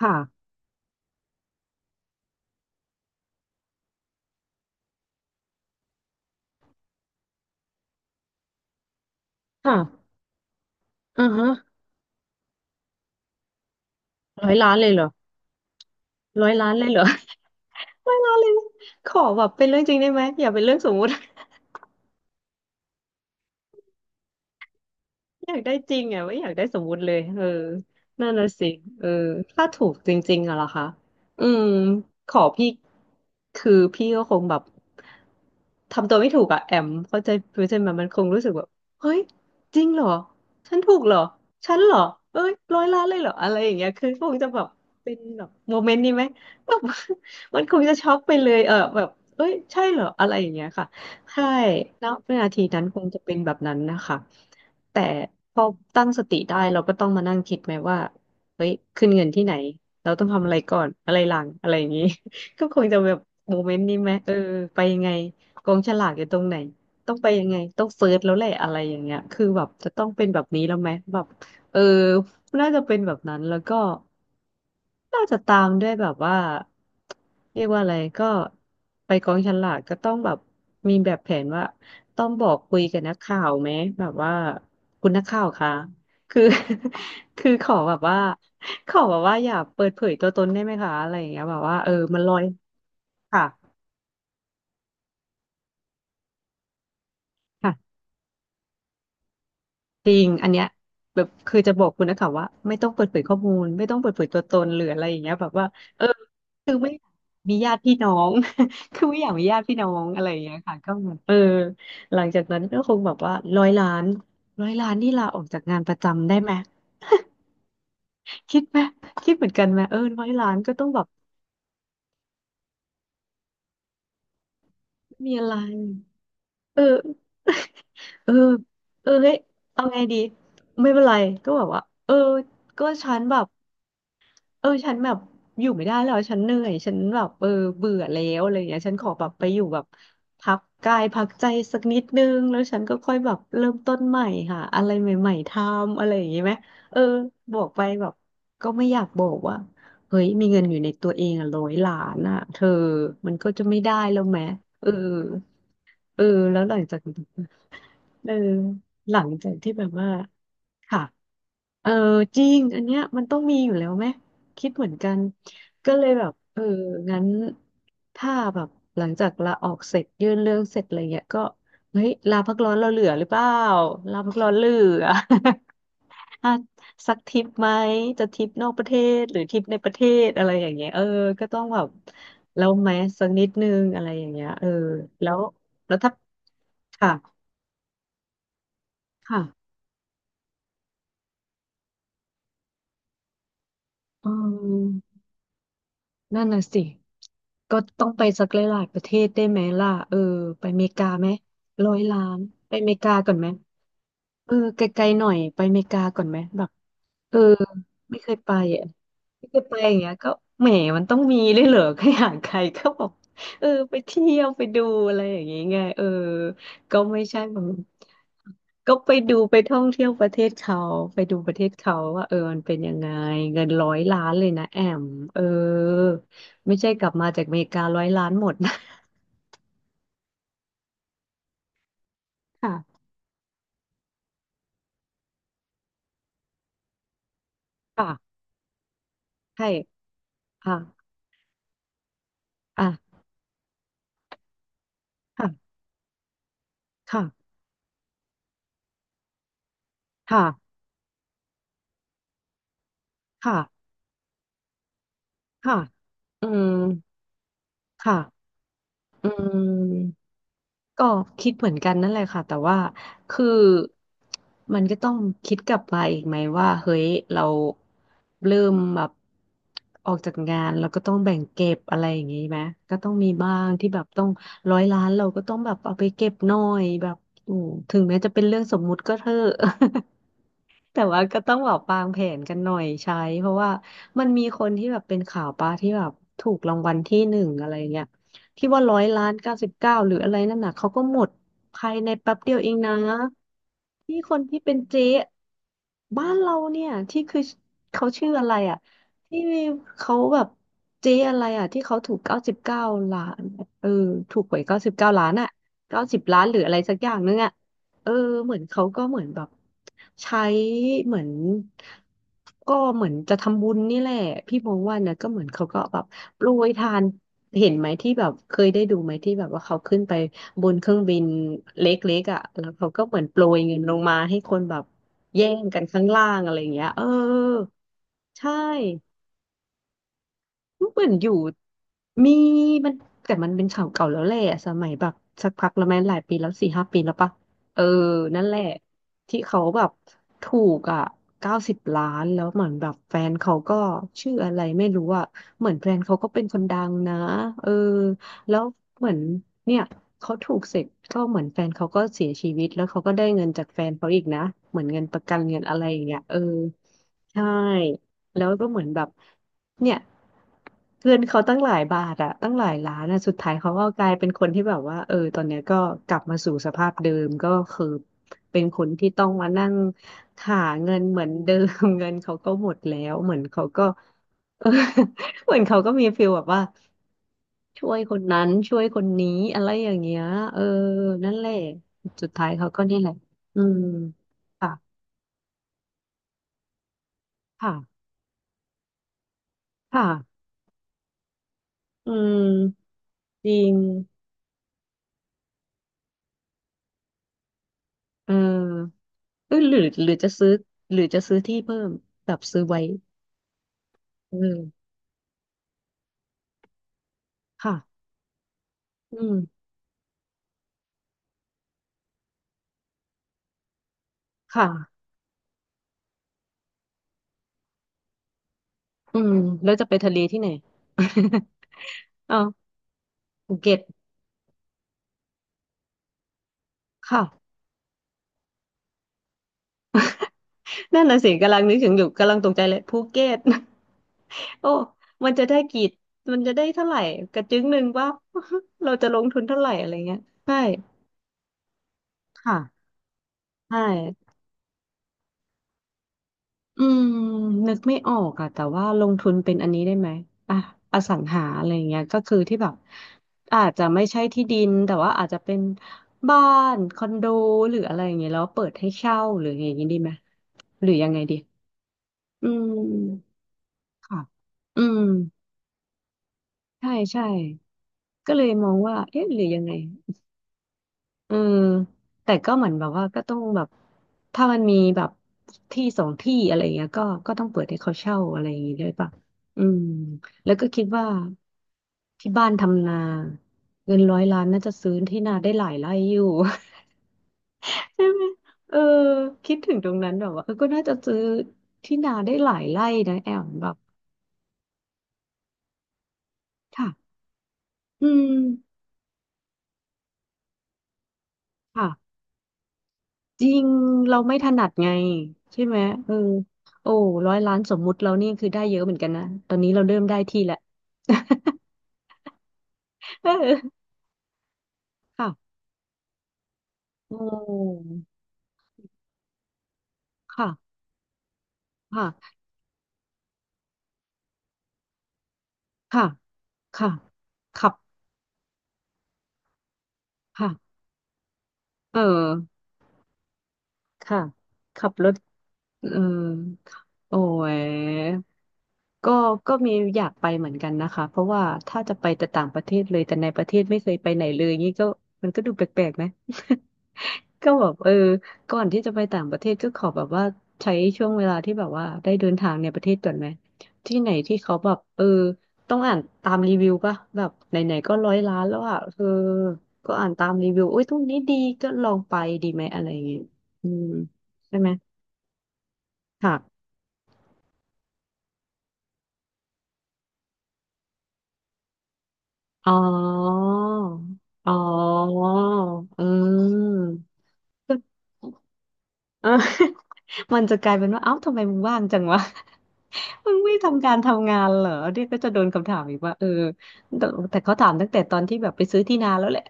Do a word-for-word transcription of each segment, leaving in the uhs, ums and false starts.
ค่ะค่ะอือฮะร้อยล้านเลยเหรอร้อยล้านเลยเหรอ ร้อยล้านเลยขอแบบเป็นเรื่องจริงได้ไหม อย่าเป็นเรื่องสมมุติ อยากได้จริงอ่ะไม่อยากได้สมมุติเลยเออนั่นน่ะสิเออถ้าถูกจริงๆอะเหรอคะอืมขอพี่คือพี่ก็คงแบบทำตัวไม่ถูกอะแอมเข้าใจเข้าใจไหมมันคงรู้สึกแบบเฮ้ยจริงเหรอฉันถูกเหรอฉันเหรอเอ้ยร้อยล้านเลยเหรออะไรอย่างเงี้ยคือคงจะแบบเป็นแบบโมเมนต์นี้ไหมแบบ มันคงจะช็อกไปเลยเออแบบเอ้ยใช่เหรออะไรอย่างเงี้ยค่ะ ใช่แล้วเวลาทีนั้นคงจะเป็นแบบนั้นนะคะแต่พอตั้งสติได้เราก็ต้องมานั่งคิดไหมว่าเฮ้ยขึ้นเงินที่ไหนเราต้องทำอะไรก่อนอะไรหลังอะไรอย่างนี้ ก็คงจะแบบโมเมนต์นี้ไหมเออไปยังไงกองฉลากอยู่ตรงไหนต้องไปยังไงต้องเฟิร์สแล้วแหละอะไรอย่างเงี้ยคือแบบจะต้องเป็นแบบนี้แล้วไหมแบบ เออน่าจะเป็นแบบนั้นแล้วก็น่าจะตามด้วยแบบว่า เรียกว่าอะไรก็ไปกองฉลากก็ต้องแบบมีแบบแผนว่าต้องบอกคุยกับนักข่าวไหมแบบว่าคุณนักข่าวคะ คือ คือขอแบบว่าขอแบบว่าอย่าเปิดเผยตัวตนได้ไหมคะอะไรอย่างเงี้ยแบบว่าเออมันลอยค่ะ จริงอันเนี้ยแบบคือจะบอกคุณนะคะว่าไม่ต้องเปิดเผยข้อมูลไม่ต้องเปิดเผยตัวตนหรืออะไรอย่างเงี้ยแบบว่าเออคือไม่อยากมีญาติพี่น้อง คือไม่อยากมีญาติพี่น้องอะไรอย่างเงี้ยค่ะก็แบบเออหลังจากนั้นก็คงแบบว่าร้อยล้านร้อยล้านนี่ลาออกจากงานประจำได้ไหมคิดไหมคิดเหมือนกันไหมเออร้อยล้านก็ต้องแบบไม่มีอะไรเออ เออเออเฮ้ยเอาไงดีไม่เป็นไรก็แบบว่าเออก็ฉันแบบ เออฉันแบบอยู่ไม่ได้แล้วฉันเหนื่อยฉันแบบเออเบื่อแล้วอะไรอย่างเงี้ยฉันขอแบบไปอยู่แบบพักกายพักใจสักนิดนึงแล้วฉันก็ค่อยแบบเริ่มต้นใหม่ค่ะอะไรใหม่ๆทำอะไรอย่างงี้ไหมเออบอกไปแบบก็ไม่อยากบอกว่าเฮ้ยมีเงินอยู่ในตัวเองอะร้อยล้านอะเธอมันก็จะไม่ได้แล้วไหมเออเออแล้วหลังจาก เออหลังจากที่แบบว่าค่ะ เออจริงอันเนี้ยมันต้องมีอยู่แล้วไหมคิดเหมือนกันก็เลยแบบเอองั้นถ้าแบบหลังจากลาออกเสร็จยื่นเรื่องเสร็จอะไรเงี้ยก็เฮ้ยลาพักร้อนเราเหลือหรือเปล่าลาพักร้อนเหลือ อ่ะสักทริปไหมจะทริปนอกประเทศหรือทริปในประเทศอะไรอย่างเงี้ยเออก็ต้องแบบแล้วไหมสักนิดนึงอะไรอย่างเงี้ยเออแล้วแล้วถ้าค่ะค่ะอืม นั่นน่ะสิ ก็ต้องไปสักหลายๆประเทศได้ไหมล่ะเออไปอเมริกาไหมร้อยล้านไปอเมริกาก่อนไหม เออไกลๆหน่อยไปอเมริกาก่อนไหม แบบเออไม่เคยไปอ่ะไม่เคยไปอย่างเงี้ยก็แหมมันต้องมีเลยเหรอใครห่างไกลก็บอกเออไปเที่ยวไปดูอะไรอย่างเงี้ยไงเออก็ไม่ใช่แบบ ก็ไปดูไปท่องเที่ยวประเทศเขาไปดูประเทศเขาว่าเออมันเป็นยังไงเงินร้อยล้านเลยนะแอมเออไม่ใช่กลับมาจากอเมริการ้อยล้านหมดนะค่ะค่ะใช่ค่ะอ่ะค่ะค่ะค่ะค่ะค่ะอืมค่ะอืม ก็คิดเหมือนกันนั่นแหละค่ะแต่ว่าคือมันก็ต้องคิดกลับมาอีกไหมว่าเฮ้ยเราเริ่มแบบออกจากงานเราก็ต้องแบ่งเก็บอะไรอย่างงี้ไหมก็ต้องมีบ้างที่แบบต้องร้อยล้านเราก็ต้องแบบเอาไปเก็บหน่อยแบบอืมถึงแม้จะเป็นเรื่องสมมุติก็เถอะ แต่ว่าก็ต้องแบบวางแผนกันหน่อยใช้เพราะว่ามันมีคนที่แบบเป็นข่าวปลาที่แบบถูกรางวัลที่หนึ่งอะไรเงี้ยที่ว่าร้อยล้านเก้าสิบเก้าหรืออะไรนั่นน่ะเขาก็หมดภายในแป๊บเดียวเองนะที่คนที่เป็นเจ๊บ้านเราเนี่ยที่คือเขาชื่ออะไรอ่ะที่เขาแบบเจ๊อะไรอ่ะที่เขาถูกเก้าสิบเก้าล้านเออถูกหวยเก้าสิบเก้าล้านอ่ะเก้าสิบล้านหรืออะไรสักอย่างนึงอ่ะ เออเหมือนเขาก็เหมือนแบบใช้เหมือนก็เหมือนจะทำบุญนี่แหละพี่มองว่านะก็เหมือนเขาก็แบบโปรยทานเห็นไหมที่แบบเคยได้ดูไหมที่แบบว่าเขาขึ้นไปบนเครื่องบินเล็กๆอ่ะแล้วเขาก็เหมือนโปรยเงินลงมาให้คนแบบแย่งกันข้างล่างอะไรอย่างเงี้ยเออใช่เหมือนอยู่ มีมันแต่มันเป็นข่าวเก่าแล้วแหละสมัยแบบสักพักแล้วไหมหลายปีแล้วสี่ห้าปีแล้วปะเออนั่นแหละที่เขาแบบถูกอ่ะเก้าสิบล้านแล้วเหมือนแบบแฟนเขาก็ชื่ออะไรไม่รู้อ่ะเหมือนแฟนเขาก็เป็นคนดังนะเออแล้วเหมือนเนี่ยเขาถูกเสร็จก็เหมือนแฟนเขาก็เสียชีวิตแล้วเขาก็ได้เงินจากแฟนเขาอีกนะเหมือนเงินประกันเงินอะไรอย่างเงี้ยเออใช่ แล้วก็เหมือนแบบเนี่ยเงินเขาตั้งหลายบาทอะตั้งหลายล้านอะสุดท้ายเขาก็กลายเป็นคนที่แบบว่าเออตอนเนี้ยก็กลับมาสู่สภาพเดิมก็คือเป็นคนที่ต้องมานั่งหาเงินเหมือนเดิม เงินเขาก็หมดแล้วเหมือนเขาก็เออ เหมือนเขาก็มีฟีลแบบว่าช่วยคนนั้นช่วยคนนี้อะไรอย่างเงี้ยเออนั่นแหละสุดท้ายเขาก็นี่แหละอืมค่ะค่ะค่ะอืมจริงเออ เออหรือหรือจะซื้อหรือจะซื้อที่เพิ่มแบบซื้อไว้เออค่ะอืมค่ะอืมแล้วจะไปทะเลที่ไหน อ้าวภูเก็ตค่ะนั่นน่ะสิกำลังนึกถึงอยู่กำลังตกใจเลยภูเก็ต โอ้มันจะได้กี่มันจะได้เท่าไหร่กระจึงหนึ่งว่า เราจะลงทุนเท่าไหร่อะไรเงี้ยใช่ค่ะใช่ อืมนึกไม่ออกอะแต่ว่าลงทุนเป็นอันนี้ได้ไหมอ่ะอสังหาอะไรอย่างเงี้ยก็คือที่แบบอาจจะไม่ใช่ที่ดินแต่ว่าอาจจะเป็นบ้านคอนโดหรืออะไรอย่างเงี้ยแล้วเปิดให้เช่าหรืออย่างงี้ดีไหมหรือยังไงดีอืมค่ะอืมใช่ใช่ก็เลยมองว่าเอ๊ะหรือยังไง เออแต่ก็เหมือนแบบว่าก็ต้องแบบถ้ามันมีแบบที่สองที่อะไรเงี้ยก็ก็ต้องเปิดให้เขาเช่าอะไรอย่างงี้ด้วยป่ะอืมแล้วก็คิดว่าที่บ้านทำนาเงินร้อยล้านน่าจะซื้อที่นาได้หลายไร่อยู่ ใช่ไหมเออคิดถึงตรงนั้นแบบว่าเออก็น่าจะซื้อที่นาได้หลายไร่นะแอมแบบค่ะอืมค่ะ จริงเราไม่ถนัดไงใช่ไหมเออโอ้ร้อยล้านสมมุติเรานี่คือได้เยอะเหมือนกันนะตอนนี้เราเริ่มได้ที่แล้ว เออค่ะโอ้ค่ะค่ะค่ะค่ะขับค่ะเออค่ะขับรถ อืมโอ้ยก็ก็มีอยากไปเหมือนกันนะคะเพราะว่าถ้าจะไปแต่ต่างประเทศเลยแต่ในประเทศไม่เคยไปไหนเลยนี่ก็มันก็ดูแปลกๆไหม ก็แบบเออก่อนที่จะไปต่างประเทศก็ขอแบบว่าใช้ช่วงเวลาที่แบบว่าได้เดินทางในประเทศก่อนไหมที่ไหนที่เขาแบบเออต้องอ่านตามรีวิวป่ะแบบไหนๆก็ร้อยล้านแล้วอ่ะเออก็อ่านตามรีวิวอุ้ยตรงนี้ดีก็ลองไปดีไหมอะไรอย่างเงี้ยอืมใช่ไหมค่ะ อ๋ออ๋ออืมเออ มันจะกลายเป็นว่าเอ้าทำไมมึงว่างจังวะ มึงไม่ทำการทำงานเหรอเนี่ยก็จะโดนคำถามอีกว่าเออแต่แต่เขาถามตั้งแต่ตอนที่แบบไปซื้อที่นาแล้วแหละ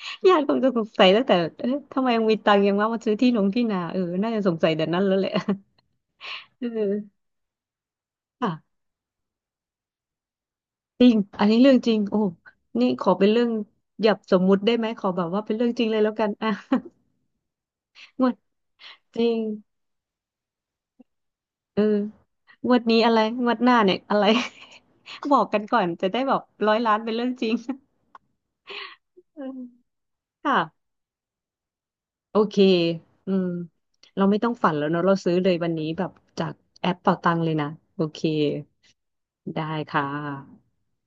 ญาติคงจะสงสัยตั้งแต่เอ๊ะทำไมมึงมีตังค์ยังว่ามาซื้อที่ลงที่นาเออน่าจะสงสัยแต่นั้นแล้วแหละ เออค่ะจริงอันนี้เรื่องจริงโอ้นี่ขอเป็นเรื่องหยับสมมุติได้ไหมขอแบบว่าเป็นเรื่องจริงเลยแล้วกัน อ่ะ หมดจริง เอองวดนี้อะไรงวดหน้าเนี่ยอะไร บอกกันก่อนจะได้แบบร้อยล้านเป็นเรื่องจริง เออค่ะโอเคอืมเราไม่ต้องฝันแล้วเนอะ เราซื้อเลยวันนี้แบบจากแอปเป๋าตังเลยนะ โอเค ได้ค่ะ